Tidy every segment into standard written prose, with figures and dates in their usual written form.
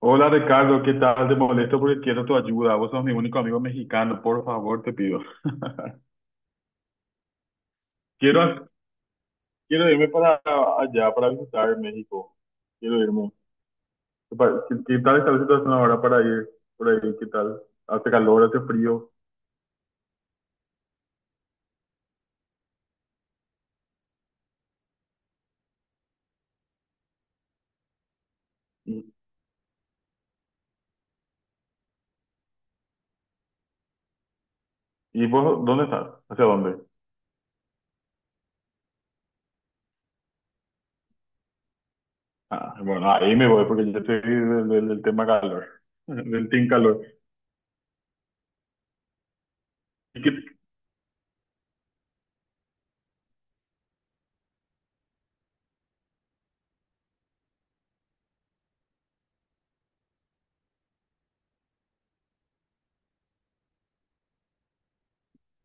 Hola Ricardo, ¿qué tal? Te molesto porque quiero tu ayuda. Vos sos mi único amigo mexicano, por favor, te pido. Quiero, quiero irme para allá, para visitar México. Quiero irme. ¿Qué, qué tal está la situación ahora para ir? Por ahí, ¿qué tal? Hace calor, hace frío. ¿Y, vos dónde estás? ¿Hacia dónde? Ah, bueno, ahí me voy porque yo estoy del tema calor, del team calor. ¿Y qué,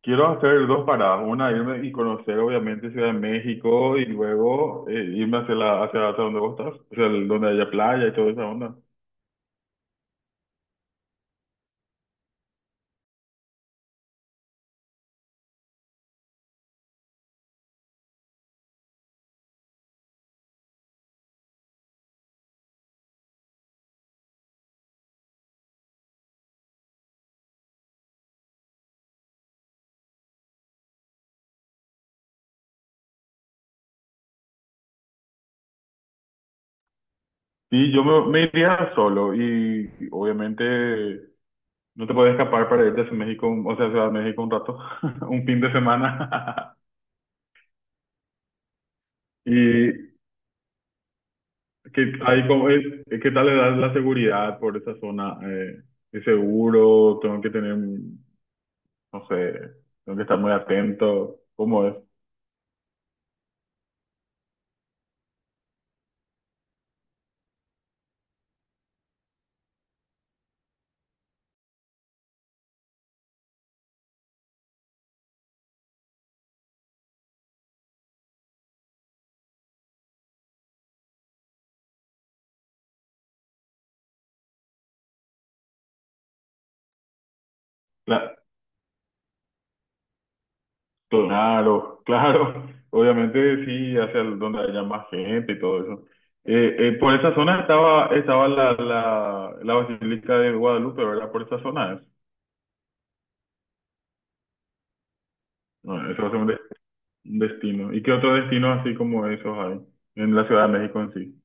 Quiero hacer dos paradas, una irme y conocer obviamente Ciudad de México y luego irme hacia hacia donde vos estás, donde haya playa y toda esa onda. Sí, yo me iría solo y, obviamente no te puedes escapar para irte a México, o sea, a Ciudad de México un rato, un fin de semana. Y que hay como es, ¿qué tal le das la seguridad por esa zona? ¿Es seguro? Tengo que tener, no sé, tengo que estar muy atento. ¿Cómo es? Claro, claro. Obviamente sí, donde haya más gente y todo eso. Por esa zona estaba la Basílica de Guadalupe, ¿verdad? Por esa zona es. Bueno, eso es un, un destino. ¿Y qué otro destino así como esos hay en la Ciudad de México en sí?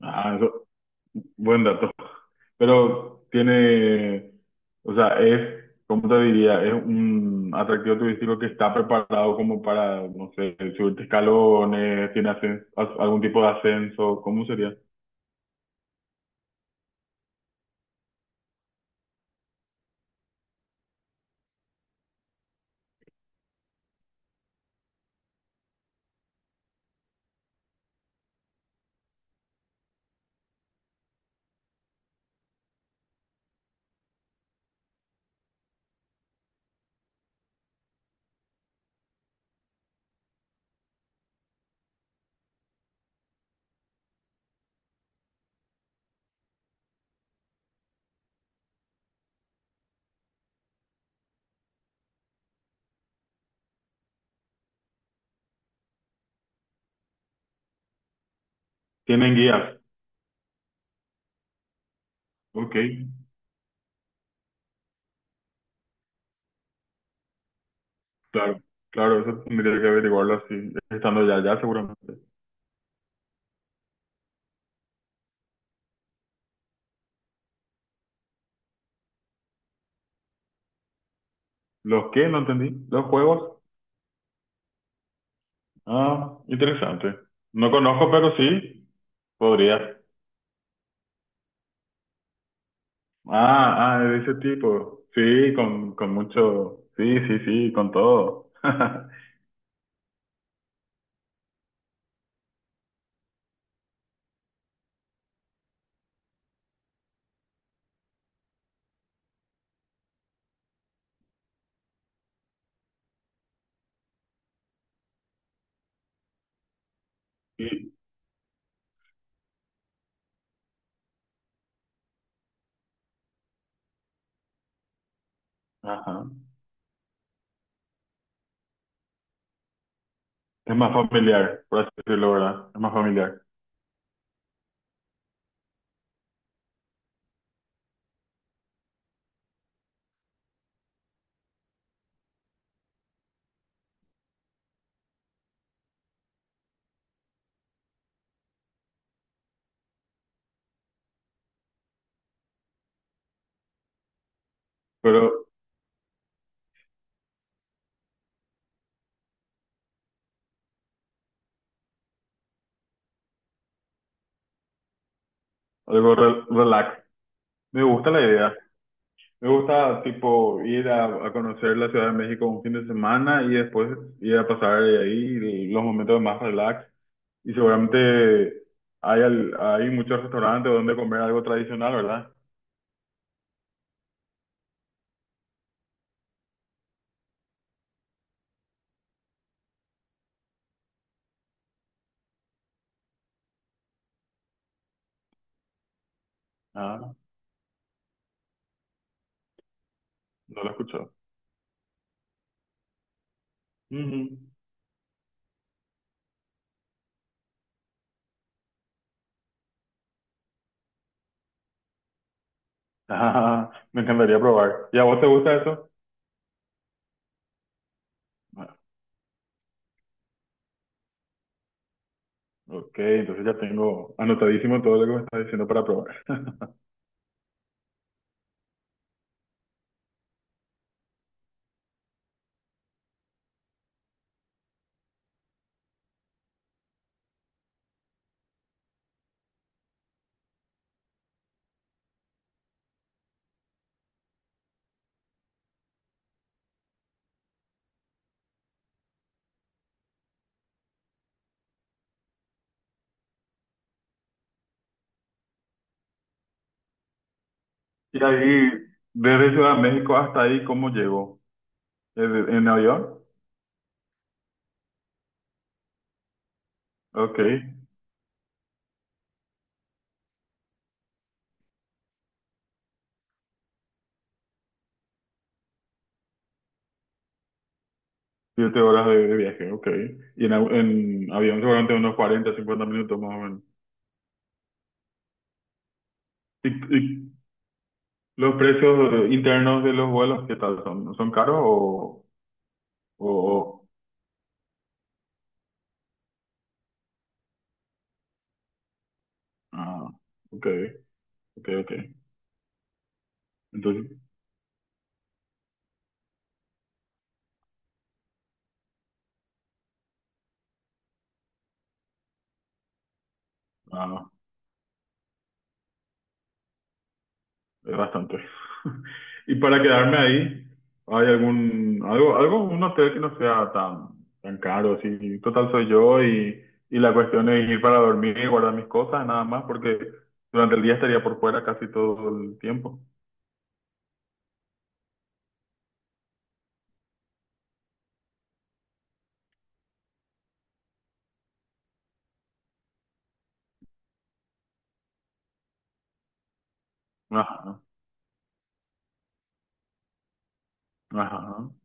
Ah, eso, buen dato. Pero tiene, o sea, es, ¿cómo te diría? Es un atractivo turístico que está preparado como para, no sé, subirte escalones, tiene algún tipo de ascenso, ¿cómo sería? Tienen guías. Ok, claro, claro, eso tendría que averiguarlo así, estando ya, ya seguramente. ¿Los qué? No entendí. ¿Los juegos? Ah, interesante. No conozco, pero sí, podría. Ah, ah, de ese tipo. Sí, con mucho. Sí, sí, sí, con todo. Y, ajá. Es más familiar, por así decirlo, ¿verdad? Es más familiar. Pero algo relax. Me gusta la idea. Me gusta, tipo, ir a conocer la Ciudad de México un fin de semana y después ir a pasar de ahí los momentos más relax. Y seguramente hay, hay muchos restaurantes donde comer algo tradicional, ¿verdad? Ah, no lo escuchó. Ah, me encantaría probar. ¿Y a vos te gusta eso? Ah, ok, entonces ya tengo anotadísimo todo lo que me estás diciendo para probar. Y ahí, desde Ciudad de México hasta ahí, ¿cómo llego? En avión? Ok, siete horas de viaje, ok. Y en, en avión seguramente unos 40 50 minutos más o menos. ¿Y, y los precios internos de los vuelos, qué tal son? ¿Son caros o...? o, o- ah, ok, ok. Entonces, ah, es bastante. Y para quedarme ahí, ¿hay algún, algo, un hotel que no sea tan, tan caro? Sí, total soy yo y la cuestión es ir para dormir y guardar mis cosas, nada más, porque durante el día estaría por fuera casi todo el tiempo. Ajá, ¿no? Ajá, ¿no?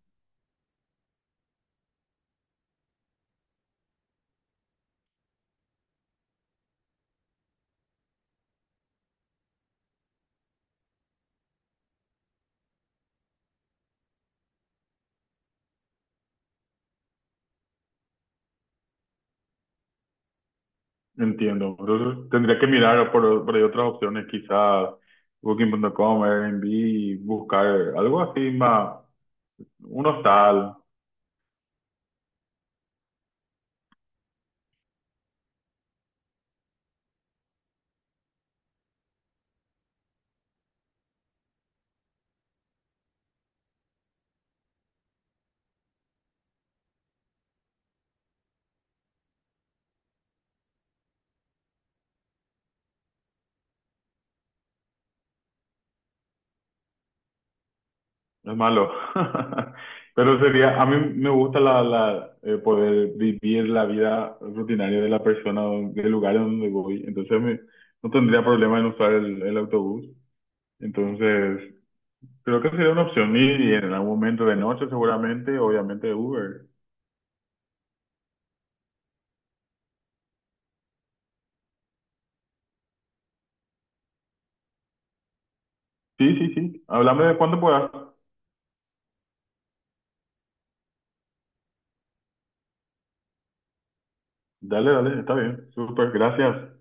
Entiendo. Entonces tendría que mirar por ahí otras opciones, quizás Booking.com, Airbnb, buscar algo así más, un hostal, no es malo. Pero sería, a mí me gusta poder vivir la vida rutinaria de la persona, del lugar donde voy. Entonces no tendría problema en usar el autobús. Entonces creo que sería una opción. Y en algún momento de noche seguramente, obviamente Uber. Sí, sí, sí. Háblame de cuándo puedas. Dale, dale, está bien. Súper, gracias.